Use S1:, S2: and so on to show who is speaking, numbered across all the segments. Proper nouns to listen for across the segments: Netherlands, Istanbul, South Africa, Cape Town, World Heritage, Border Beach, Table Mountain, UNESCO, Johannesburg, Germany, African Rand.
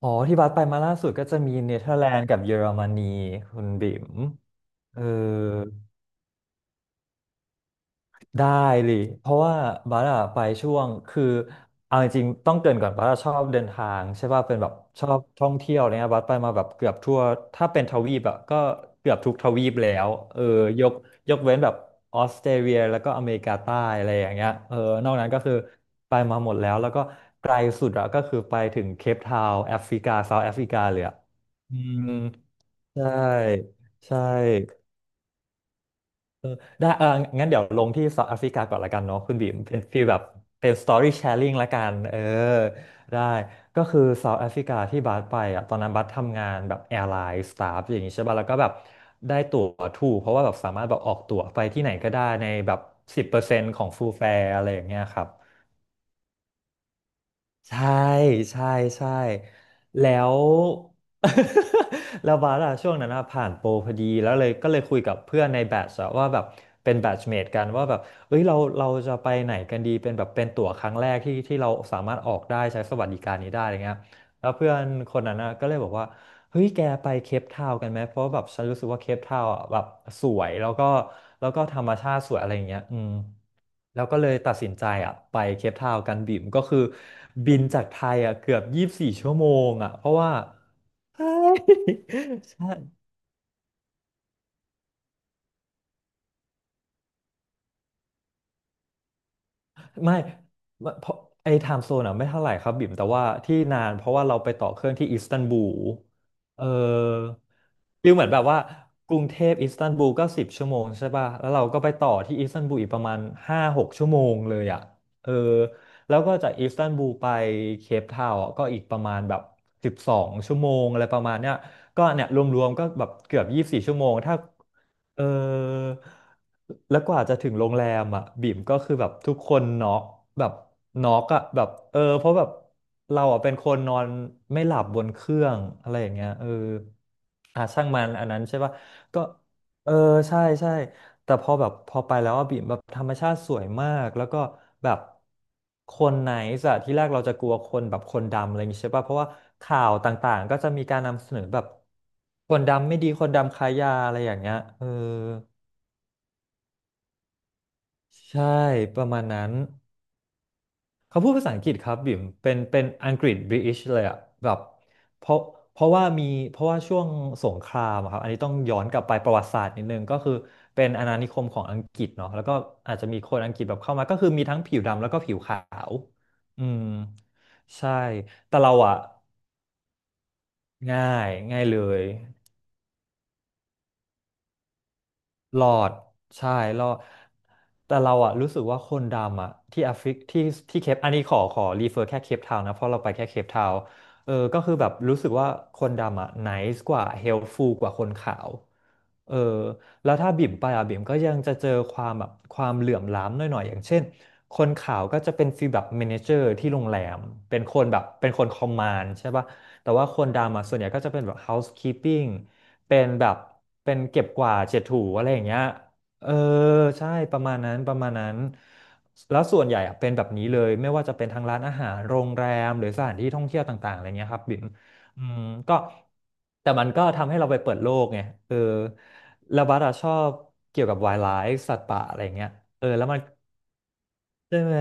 S1: อ๋อที่บัสไปมาล่าสุดก็จะมีเนเธอร์แลนด์กับเยอรมนีคุณบิ๋มเออได้เลยเพราะว่าบัสอะไปช่วงคือเอาจริงๆต้องเกริ่นก่อนบัสอะชอบเดินทางใช่ป่ะเป็นแบบชอบท่องเที่ยวอะไรเนี่ยบัสไปมาแบบเกือบทั่วถ้าเป็นทวีปอะก็เกือบทุกทวีปแล้วเออยกยกเว้นแบบออสเตรเลียแล้วก็อเมริกาใต้อะไรอย่างเงี้ยเออนอกนั้นก็คือไปมาหมดแล้วแล้วก็ไกลสุดอะก็คือไปถึงเคปทาวน์แอฟริกาเซาท์แอฟริกาเลยอะอืม ใช่ใช่ได้เอองั้นเดี๋ยวลงที่เซาท์แอฟริกาก่อนละกันเนาะคุณบีมเป็นฟีลแบบเป็นสตอรี่แชร์ i ิ g งละกันเออได้ก็คือเซาท์แอฟริกาที่บัสไปอ่ะตอนนั้นบัสทำงานแบบแอร์ไลน์สตาฟอย่างนี้ใช่ป่ะแล้วก็แบบได้ตั๋วถูกเพราะว่าแบบสามารถแบบออกตั๋วไปที่ไหนก็ได้ในแบบ10%ของฟูลแฟร์อะไรอย่างเงี้ยครับ ใช่ใช่ใช่แล้ว แล้วบาร์อะช่วงนั้นอะผ่านโปรพอดีแล้วเลยก็เลยคุยกับเพื่อนในแบทชอะว่าแบบเป็นแบทชเมทกันว่าแบบเอ้ยเราจะไปไหนกันดีเป็นแบบเป็นตั๋วครั้งแรกที่เราสามารถออกได้ใช้สวัสดิการนี้ได้อะไรเงี้ยแล้วเพื่อนคนนั้นอะก็เลยบอกว่าเฮ้ยแกไปเคปทาวน์กันไหมเพราะว่าแบบฉันรู้สึกว่าเคปทาวน์อะแบบสวยแล้วก็แล้วก็ธรรมชาติสวยอะไรอย่างเงี้ยอืม แล้วก็เลยตัดสินใจอ่ะไปเคปทาวน์กันบิมก็คือบินจากไทยอ่ะเกือบยี่สิบสี่ชั่วโมงอ่ะเพราะว่า ใช่ ไม่ไม่เพราะไอ้ไทม์โซนอ่ะไม่เท่าไหร่ครับบิ่มแต่ว่าที่นานเพราะว่าเราไปต่อเครื่องที่อิสตันบูลเออฟิลเหมือนแบบว่ากรุงเทพอิสตันบูลก็10 ชั่วโมงใช่ป่ะแล้วเราก็ไปต่อที่อิสตันบูลอีกประมาณ5-6 ชั่วโมงเลยอ่ะเออแล้วก็จากอิสตันบูลไปเคปทาวน์อะก็อีกประมาณแบบ12 ชั่วโมงอะไรประมาณเนี้ย ก็เนี่ยรวมๆก็แบบเกือบยี่สิบสี่ชั่วโมงถ้าเออแล้วกว่าจะถึงโรงแรมอ่ะบิ่มก็คือแบบทุกคนน็อกแบบน็อกอ่ะแบบเออเพราะแบบเราอ่ะเป็นคนนอนไม่หลับบนเครื่องอะไรอย่างเงี้ยเอออ่ะช่างมันอันนั้นใช่ป่ะก็ เออใช่ใช่แต่พอแบบพอไปแล้วอะบิ่มแบบธรรมชาติสวยมากแล้วก็แบบคนไหนอะที่แรกเราจะกลัวคนแบบคนดำอะไรอย่างงี้ใช่ป่ะเพราะว่าข่าวต่างๆก็จะมีการนำเสนอแบบคนดำไม่ดีคนดำค้ายาอะไรอย่างเงี้ยเออใช่ประมาณนั้น เขาพูดภาษาอังกฤษครับบิ่มเป็นอังกฤษบริ i ิชเลยอะแบบเพราะเพราะว่ามีเพราะว่าช่วงสงครามอะครับอันนี้ต้องย้อนกลับไปประวัติศาสตร์นิดนึงก็คือเป็นอาณานิคมของอังกฤษเนาะแล้วก็อาจจะมีคนอังกฤษแบบเข้ามาก็คือมีทั้งผิวดำแล้วก็ผิวขาวอืมใช่แต่เราอะง่าง่ายเลย หลอดใช่หลอดแต่เราอะรู้สึกว่าคนดำอะที่แอฟริกที่ที่เคปอันนี้ขอรีเฟอร์แค่เคปทาวน์นะเพราะเราไปแค่เคปทาวน์เออก็คือแบบรู้สึกว่าคนดำอะไนซ์กว่าเฮลฟูลกว่าคนขาวเออแล้วถ้าบิ่มไปอะบิ่มก็ยังจะเจอความแบบความเหลื่อมล้ำหน่อยๆอย่างเช่นคนขาวก็จะเป็นฟีลแบบเมเนเจอร์ที่โรงแรมเป็นคนแบบเป็นคนคอมมานด์ใช่ป่ะ แต่ว่าคนดำอะส่วนใหญ่ก็จะเป็นแบบ housekeeping เป็นแบบเป็นเก็บกวาดเช็ดถูอะไรอย่างเงี้ยเออใช่ประมาณนั้นประมาณนั้นแล้วส่วนใหญ่อะเป็นแบบนี้เลยไม่ว่าจะเป็นทางร้านอาหารโรงแรมหรือสถานที่ท่องเที่ยวต่างๆอะไรเงี้ยครับบิ่มอืมก็แต่มันก็ทำให้เราไปเปิดโลกไงเออแล้วบัสอะชอบเกี่ยวกับ wildlife สัตว์ป่าอะไรเงี้ยเออแล้วมันใช่ไหม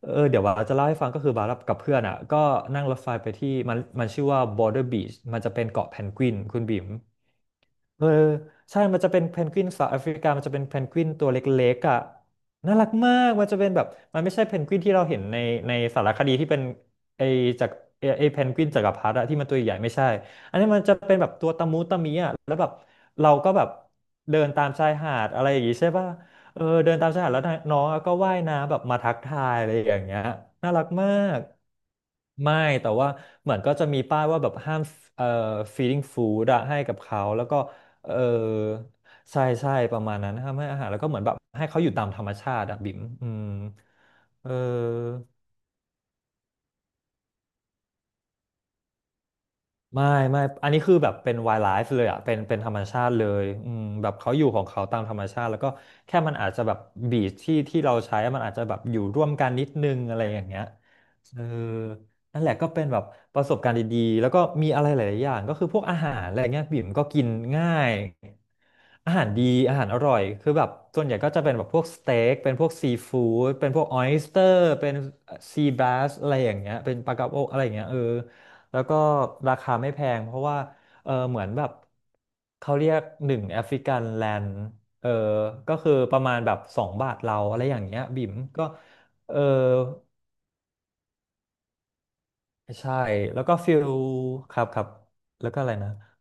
S1: เออเดี๋ยวบาสจะเล่าให้ฟังก็คือบาสกับเพื่อนอ่ะก็นั่งรถไฟไปที่มันชื่อว่า Border Beach มันจะเป็นเกาะเพนกวินคุณบิ๋มเออใช่มันจะเป็นเพนกวินเซาท์แอฟริกามันจะเป็นเพนกวินตัวเล็กๆอ่ะน่ารักมากมันจะเป็นแบบมันไม่ใช่เพนกวินที่เราเห็นในในสารคดีที่เป็นไอจากไอเพนกวินจักรพรรดิอะที่มันตัวใหญ่ไม่ใช่อันนี้มันจะเป็นแบบตัวตะมูตะมีอ่ะแล้วแบบเราก็แบบเดินตามชายหาดอะไรอย่างงี้ใช่ป่ะ เออเดินตามชายหาดแล้วน้องก็ว่ายน้ำแบบมาทักทายอะไรอย่างเงี้ยน่ารักมากไม่แต่ว่าเหมือนก็จะมีป้ายว่าแบบห้ามเอ่อ feeding food อะให้กับเขาแล้วก็เออใช่ใช่ประมาณนั้นห้ามให้อาหารแล้วก็เหมือนแบบให้เขาอยู่ตามธรรมชาติอะบิ๋มอืมเออ ไม่ไม่อันนี้คือแบบเป็น wildlife เลยอ่ะเป็นธรรมชาติเลยอืมแบบเขาอยู่ของเขาตามธรรมชาติแล้วก็แค่มันอาจจะแบบบีชที่เราใช้มันอาจจะแบบอยู่ร่วมกันนิดนึงอะไรอย่างเงี้ยเออนั่นแหละก็เป็นแบบประสบการณ์ดีๆแล้วก็มีอะไรหลายๆอย่างก็คือพวกอาหารอะไรเงี้ยบิ่มก็กินง่ายอาหารดีอาหารอร่อยคือแบบส่วนใหญ่ก็จะเป็นแบบพวกสเต็กเป็นพวกซีฟู้ดเป็นพวกออยสเตอร์เป็นซีบาสอะไรอย่างเงี้ยเป็นปลากระพงอะไรอย่างเงี้ยเออ แล้วก็ราคาไม่แพงเพราะว่าเออเหมือนแบบเขาเรียกหนึ่งแอฟริกันแลนด์เออก็คือประมาณแบบสองบาทเราอะไรอย่างเงี้ยบิ่มก็เออใช่ แล้วก็ฟิลครับครับ แล้วก็อะไรนะ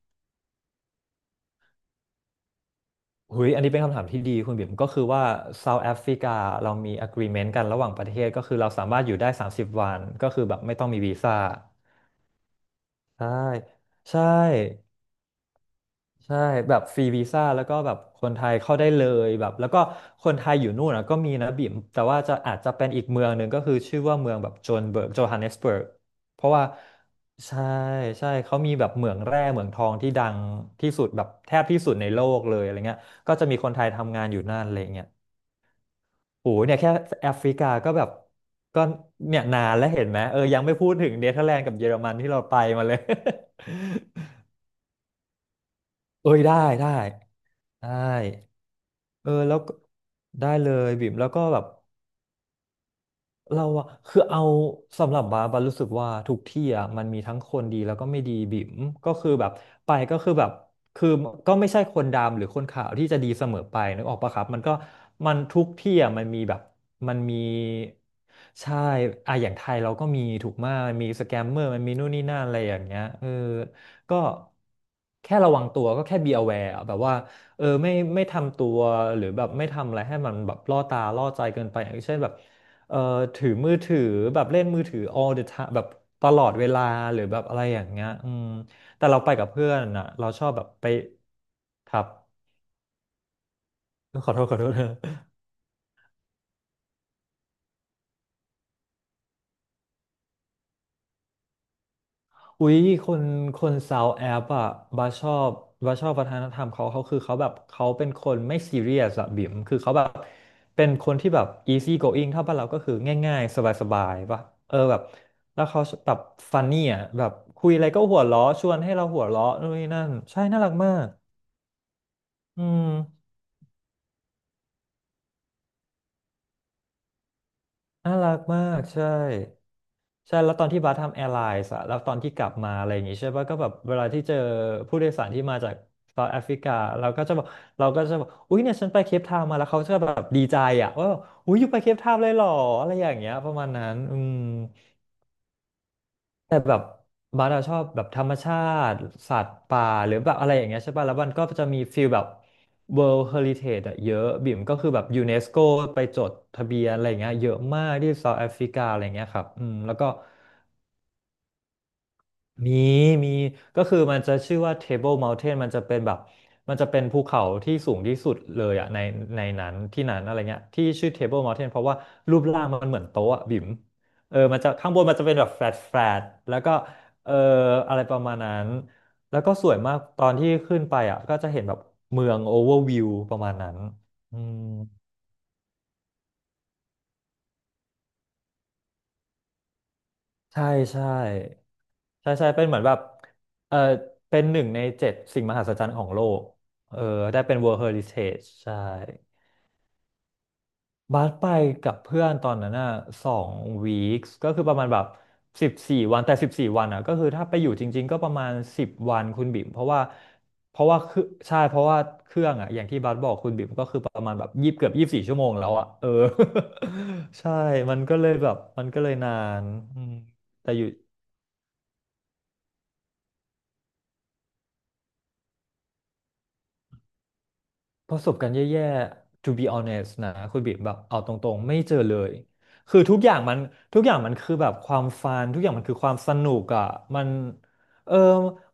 S1: หุยอันนี้เป็นคำถามที่ดีคุณบิ่มก็คือว่าเซาท์แอฟริกาเรามี agreement กันระหว่างประเทศก็คือเราสามารถอยู่ได้30วันก็คือแบบไม่ต้องมีวีซ่าใช่ใช่ ใช่แบบฟรีวีซ่าแล้วก็แบบคนไทยเข้าได้เลยแบบแล้วก็คนไทยอยู่นู่นนะก็มีนะบิ่มแต่ว่าจะอาจจะเป็นอีกเมืองหนึ่งก็คือชื่อว่าเมืองแบบโจนเบิร์กโจฮันเนสเบิร์กเพราะว่าใช่ใช่เขามีแบบเหมืองแร่เหมืองทองที่ดังที่สุดแบบแทบที่สุดในโลกเลยอะไรเงี้ยก็จะมีคนไทยทำงานอยู่นั่นอะไรเงี้ยโอ้โหเนี่ยแค่แอฟริกาก็แบบก็เนี่ยนานแล้วเห็นไหมเออยังไม่พูดถึงเนเธอร์แลนด์กับเยอรมันที่เราไปมาเลย เอ้ยได้ได้ได้ เออแล้วก็ได้เลยบิ่มแล้วก็แบบ เราอะคือเอาสำหรับบาสบาสรู้สึกว่าทุกที่อะมันมีทั้งคนดีแล้วก็ไม่ดีบิ่มก็คือแบบไปก็คือแบบคือก็ไม่ใช่คนดำหรือคนขาวที่จะดีเสมอไปนึกออกปะครับมันก็มันทุกที่อะมันมีแบบมันมีใช่อะอย่างไทยเราก็มีถูกมากมันมีสแกมเมอร์มันมีนู่นนี่นั่นอะไรอย่างเงี้ยเออก็แค่ระวังตัวก็แค่ be aware อะแบบว่าเออไม่ทำตัวหรือแบบไม่ทำอะไรให้มันแบบล่อตาล่อใจเกินไปอย่างเช่นแบบ เอ่อถือมือถือแบบเล่นมือถือ all the time แบบตลอดเวลาหรือแบบอะไรอย่างเงี้ยอืมแต่เราไปกับเพื่อนอ่ะเราชอบแบบไปครับขอโทษขอโทษ อุ๊ยคนคนซาวแอปอ่ะบาชอบบาชอบวัฒนธรรมเขาเขาคือเขาแบบเขาเป็นคนไม่ซีเรียสอะบิ่มคือเขาแบบเป็นคนที่แบบ easy going ถ้าบ้านเราก็คือง่ายๆสบายๆป่ะเออแบบแล้วเขาแบบฟันนีอ่ะแบบคุยอะไรก็หัวเราะชวนให้เราหัวเราะนู่นนี่นั่นใช่น่ารักมาก อืมน่ารักมากใช่ใช่แล้วตอนที่บัสทำแอร์ไลน์อะแล้วตอนที่กลับมาอะไรอย่างงี้ใช่ป่ะก็แบบเวลาที่เจอผู้โดยสารที่มาจากเซาท์แอฟริกาเราก็จะบอกเราก็จะบอกอุ้ยเนี่ยฉันไปเคปทาวน์มาแล้วเขาจะแบบดีใจอ่ะว่าแบบอุ้ยอยู่ไปเคปทาวน์เลยเหรออะไรอย่างเงี้ยประมาณนั้นอืม แต่แบบบัสอาชอบแบบธรรมชาติสัตว์ป่าหรือแบบอะไรอย่างเงี้ยใช่ป่ะ แล้วมันก็จะมีฟีลแบบ World Heritage อะเยอะบิ่มก็คือแบบยูเนสโกไปจดทะเบียนอะไรอย่างเงี้ยเยอะมากที่เซาท์แอฟริกาอะไรอย่างเงี้ยครับอืมแล้วก็ มีมีก็คือมันจะชื่อว่า Table Mountain มันจะเป็นแบบมันจะเป็นภูเขาที่สูงที่สุดเลยอะในในนั้นที่นั้นอะไรเงี้ยที่ชื่อ Table Mountain เพราะว่ารูปร่างมันเหมือนโต๊ะอะบิ่มเออมันจะข้างบนมันจะเป็นแบบแฟลตแฟลตแล้วก็เอออะไรประมาณนั้นแล้วก็สวยมากตอนที่ขึ้นไปอะก็จะเห็นแบบเมืองโอเวอร์วิวประมาณนั้นอืม ใช่ใช่ใช่ใช่เป็นเหมือนแบบเออเป็นหนึ่งในเจ็ดสิ่งมหัศจรรย์ของโลกเออได้เป็น World Heritage ใช่บาสไปกับเพื่อนตอนนั้นน่ะ2 วีคก็คือประมาณแบบสิบสี่วันแต่สิบสี่วันอ่ะก็คือถ้าไปอยู่จริงๆก็ประมาณ10 วันคุณบิ่มเพราะว่าคือใช่เพราะว่าเครื่องอ่ะอย่างที่บาสบอกคุณบิ่มก็คือประมาณแบบยี่สิบเกือบยี่สิบสี่ชั่วโมงแล้วอ่ะเออ ใช่มันก็เลยแบบมันก็เลยนานอืมแต่อยู่ ประสบการณ์แย่ๆ to be honest นะคุณบ๊มแบบเอาตรงๆไม่เจอเลยคือทุกอย่างมันคือแบบความฟันทุกอย่างมันคือความสนุกอ่ะมันเออ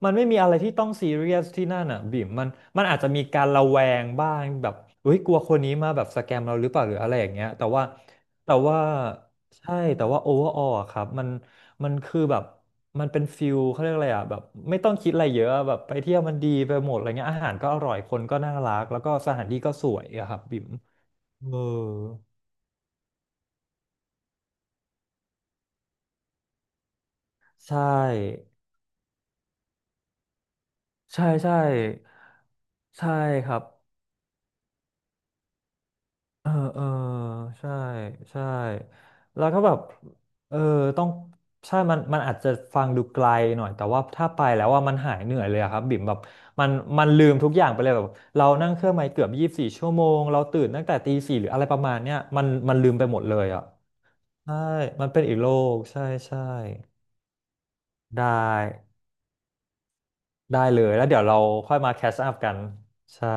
S1: มันไม่มีอะไรที่ต้องซีเรียสที่นั่นอ่ะบีมมันอาจจะมีการระแวงบ้างแบบเฮ้ยกลัวคนนี้มาแบบสแกมเราหรือเปล่าหรืออะไรอย่างเงี้ยแต่ว่าแต่ว่า ใช่แต่ว่าโอเวอร์ออครับมันมันคือแบบมันเป็นฟิลเขาเรียกอะไรอ่ะแบบไม่ต้องคิดอะไรเยอะแบบไปเที่ยวมันดีไปหมดอะไรเงี้ยอาหารก็อร่อยคนก็น่ารักแล้วก็สถานที่ก็สวยอะครับบิ่มเออใช่ใช่ใช่ใช่ครับ เออเออใช่ใช่แล้วก็แบบเออต้องใช่มันอาจจะฟังดูไกลหน่อย แต่ว่าถ้าไปแล้วว่ามันหายเหนื่อยเลยอะครับบิ่มแบบมันมันลืมทุกอย่างไปเลยแบบเรานั่งเครื่องไ่เกือบยี่สิบสี่ชั่วโมงเราตื่นตั้งแต่ตีสี่หรืออะไรประมาณเนี้ย มันลืมไปหมดเลยอ่ะใช่มันเป็นอีกโลกใช่ใช่ได้ได้เลย แล้วเดี๋ยวเราค่อยมาแคชอัพกันใช่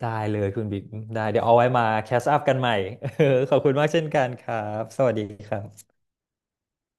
S1: ได้เลยคุณบิ๊กได้เดี๋ยวเอาไว้มาแคสอัพกันใหม่ ขอบคุณมากเช่นกันครับสวัสดีครับ